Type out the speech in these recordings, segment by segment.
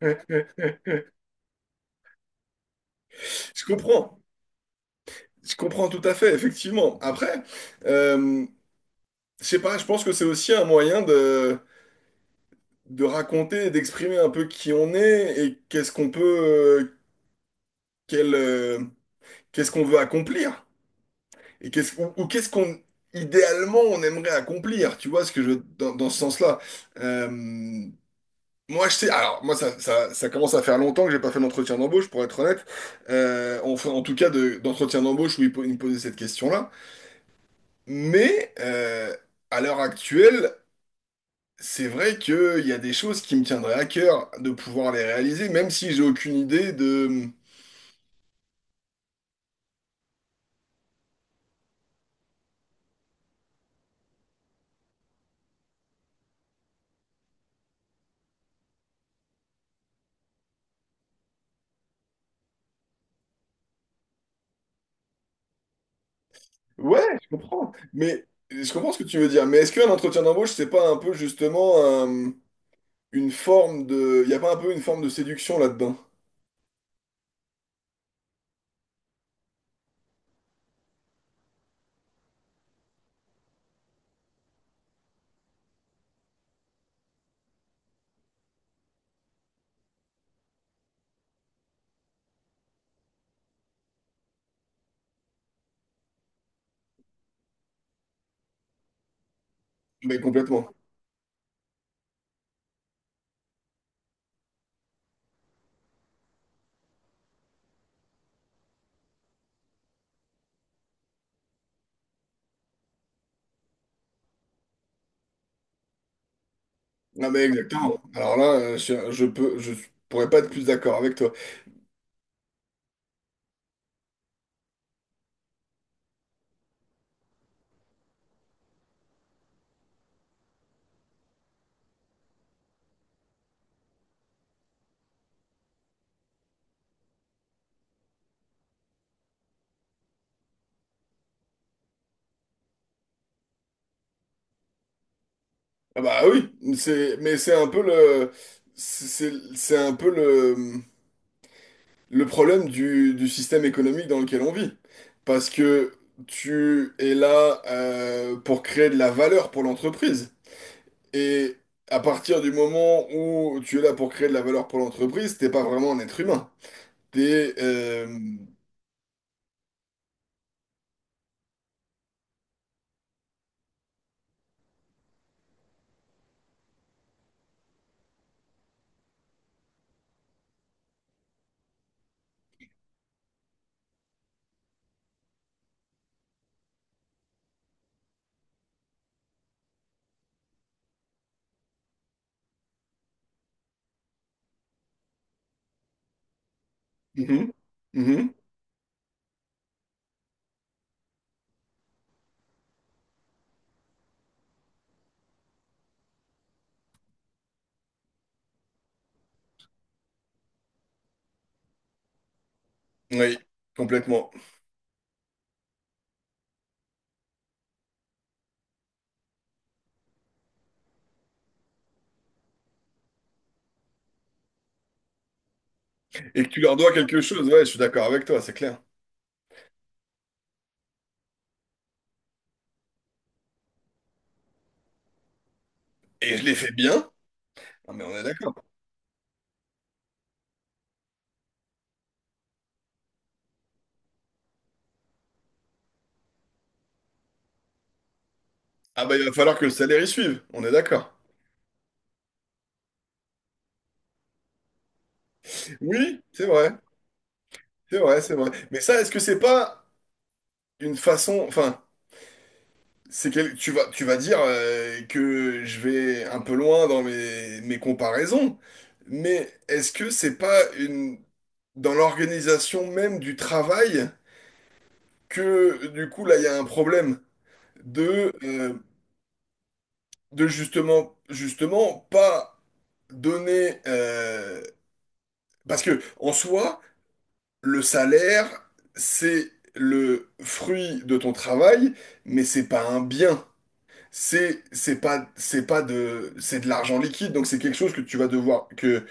Ouais, ouais. Je comprends, je comprends tout à fait, effectivement. Après, euh, je sais pas, je pense que c'est aussi un moyen de, raconter, et d'exprimer un peu qui on est et qu'est-ce qu'on peut, euh, quel, euh, qu'est-ce qu'on veut accomplir et qu'est-ce ou qu'est-ce qu'on idéalement on aimerait accomplir. Tu vois ce que je dans ce sens-là. Euh, Moi, je sais. Alors, moi, ça commence à faire longtemps que j'ai pas fait d'entretien d'embauche, pour être honnête. Enfin, en tout cas, d'entretien d'embauche où ils me posaient cette question-là. Mais à l'heure actuelle, c'est vrai qu'il y a des choses qui me tiendraient à cœur de pouvoir les réaliser, même si j'ai aucune idée de... Ouais, je comprends. Mais je comprends ce que tu veux dire. Mais est-ce qu'un entretien d'embauche, c'est pas un peu justement euh, une forme de... Il n'y a pas un peu une forme de séduction là-dedans? Mais complètement. Ah mais exactement. Alors là, je pourrais pas être plus d'accord avec toi. Ah bah oui, c'est un peu c'est un peu le problème du système économique dans lequel on vit. Parce que tu es là pour créer de la valeur pour l'entreprise. Et à partir du moment où tu es là pour créer de la valeur pour l'entreprise, t'es pas vraiment un être humain. T'es... euh, mhm, mhm, oui, complètement. Et que tu leur dois quelque chose, ouais, je suis d'accord avec toi, c'est clair. Et je l'ai fait bien. Ah, mais on est d'accord. Ah bah il va falloir que le salaire y suive, on est d'accord. Oui, c'est vrai, c'est vrai, c'est vrai. Mais ça, est-ce que c'est pas... une façon, enfin, tu vas dire que je vais un peu loin dans mes comparaisons, mais est-ce que c'est pas une, dans l'organisation même du travail que du coup là il y a un problème de, euh, de justement, pas donner, parce que en soi, le salaire, c'est le fruit de ton travail, mais c'est pas un bien. C'est pas de c'est de l'argent liquide donc c'est quelque chose que tu vas devoir que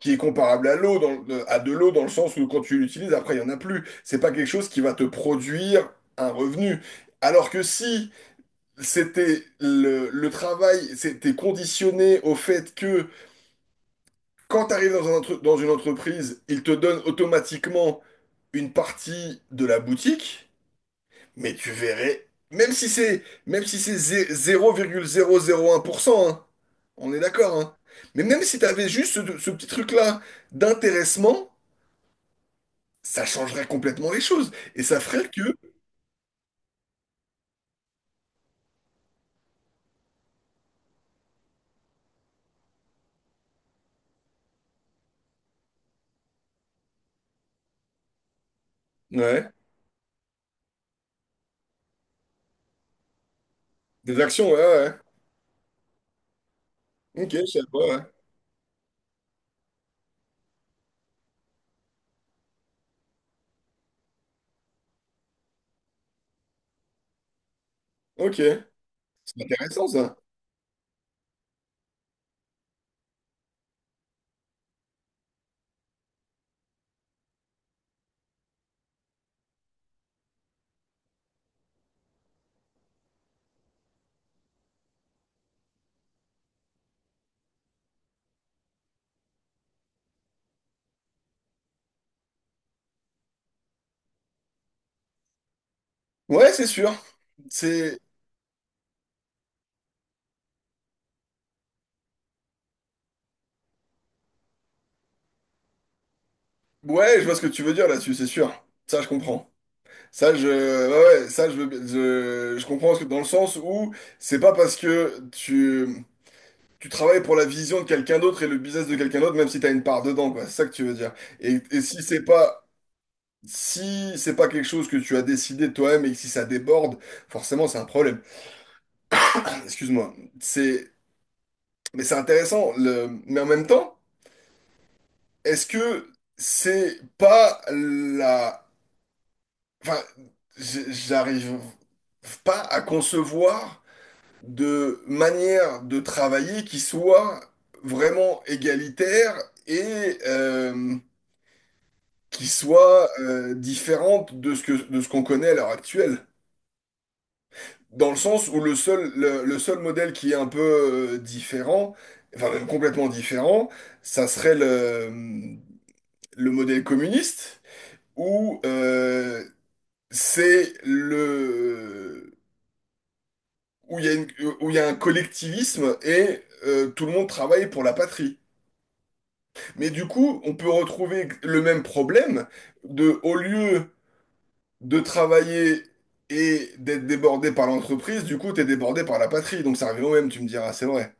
qui est comparable à à de l'eau dans le sens où quand tu l'utilises après il y en a plus, c'est pas quelque chose qui va te produire un revenu, alors que si le travail c'était conditionné au fait que quand tu arrives dans dans une entreprise, ils te donnent automatiquement une partie de la boutique. Mais tu verrais, même si c'est 0,001%, hein, on est d'accord, hein. Mais même si t'avais juste ce petit truc-là d'intéressement, ça changerait complètement les choses. Et ça ferait que... Ouais, des actions, ouais, ouais. Ouais. Ok, je sais pas, ouais. Ok, c'est intéressant ça. Ouais, c'est sûr. C'est... Ouais, je vois ce que tu veux dire là-dessus, c'est sûr. Ça, je comprends. Ça, je... Ouais, ouais, ça, je veux... Je comprends ce que... dans le sens où c'est pas parce que tu... Tu travailles pour la vision de quelqu'un d'autre et le business de quelqu'un d'autre, même si tu as une part dedans, quoi. C'est ça que tu veux dire. Si c'est pas, si c'est pas quelque chose que tu as décidé toi-même et que si ça déborde, forcément, c'est un problème. Excuse-moi. C'est, c'est intéressant. Mais en même temps, est-ce que c'est pas la, enfin, j'arrive pas à concevoir de manière de travailler qui soit vraiment égalitaire et, qui soit différente de de ce qu'on connaît à l'heure actuelle. Dans le sens où le seul modèle qui est un peu différent, enfin même complètement différent, ça serait le modèle communiste, où c'est le où il y a où il y a un collectivisme et tout le monde travaille pour la patrie. Mais du coup, on peut retrouver le même problème de au lieu de travailler et d'être débordé par l'entreprise, du coup, t'es débordé par la patrie. Donc ça revient au même, tu me diras, c'est vrai.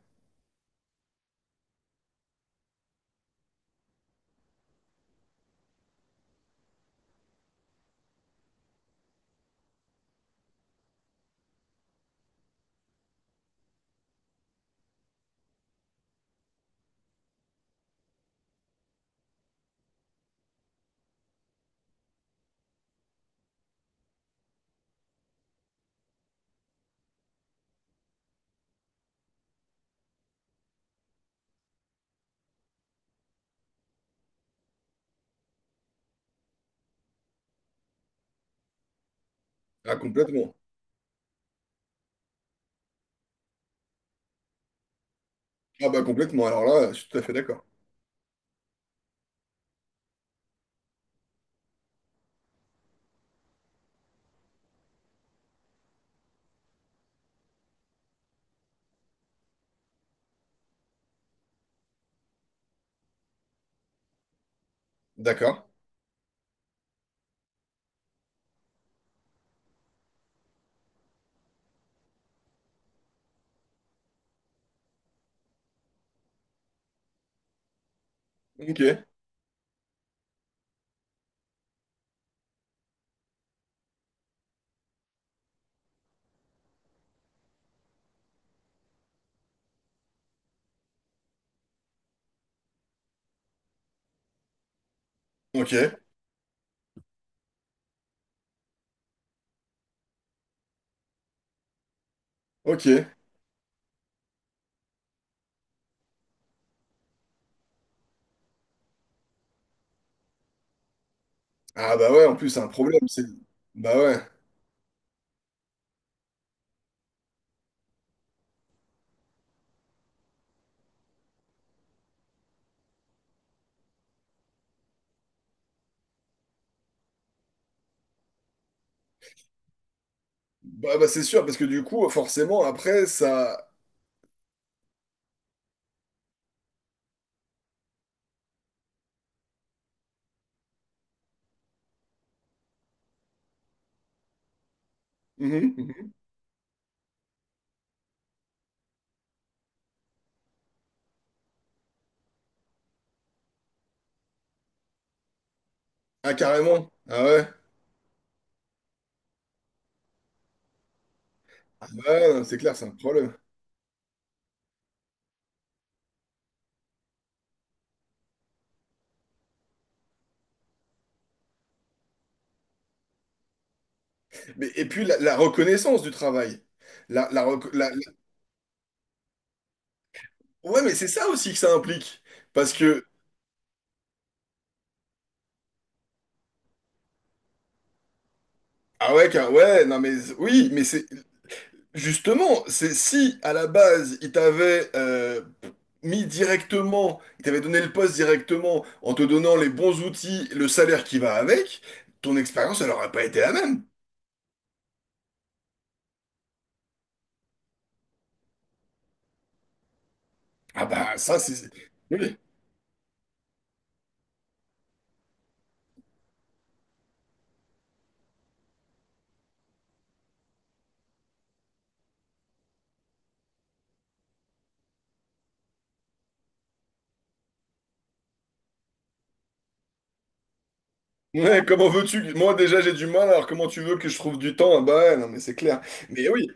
Ah, complètement. Ah bah complètement, alors là, je suis tout à fait d'accord. D'accord. Ok. Ok. Ok. Ah bah ouais, en plus, c'est un problème. C'est... Bah ouais. Bah c'est sûr, parce que du coup, forcément, après, ça... Mhm, mhm. Ah carrément. Ah ouais. Ah ouais, non, c'est clair, c'est un problème. Mais, et puis la reconnaissance du travail. La, reco- la- la- Ouais, mais c'est ça aussi que ça implique. Parce que ah ouais, ouais, non mais oui, mais c'est justement, c'est si à la base il t'avait il t'avait donné le poste directement en te donnant les bons outils, le salaire qui va avec, ton expérience elle aurait pas été la même. Ah bah ça c'est oui. Ouais, comment veux-tu? Moi déjà j'ai du mal, alors comment tu veux que je trouve du temps? Ah bah ouais, non mais c'est clair. Mais oui,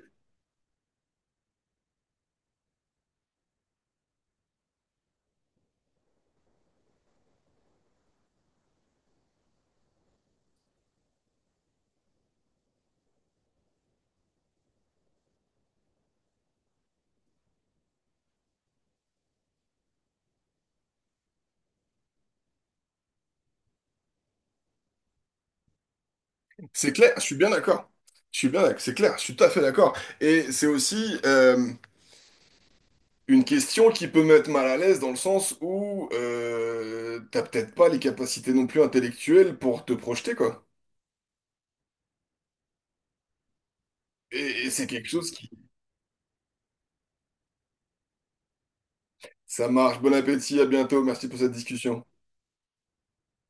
c'est clair, je suis bien d'accord. Je suis bien d'accord, c'est clair, je suis tout à fait d'accord. Et c'est aussi une question qui peut mettre mal à l'aise dans le sens où t'as peut-être pas les capacités non plus intellectuelles pour te projeter, quoi. C'est quelque chose qui... Ça marche. Bon appétit, à bientôt. Merci pour cette discussion.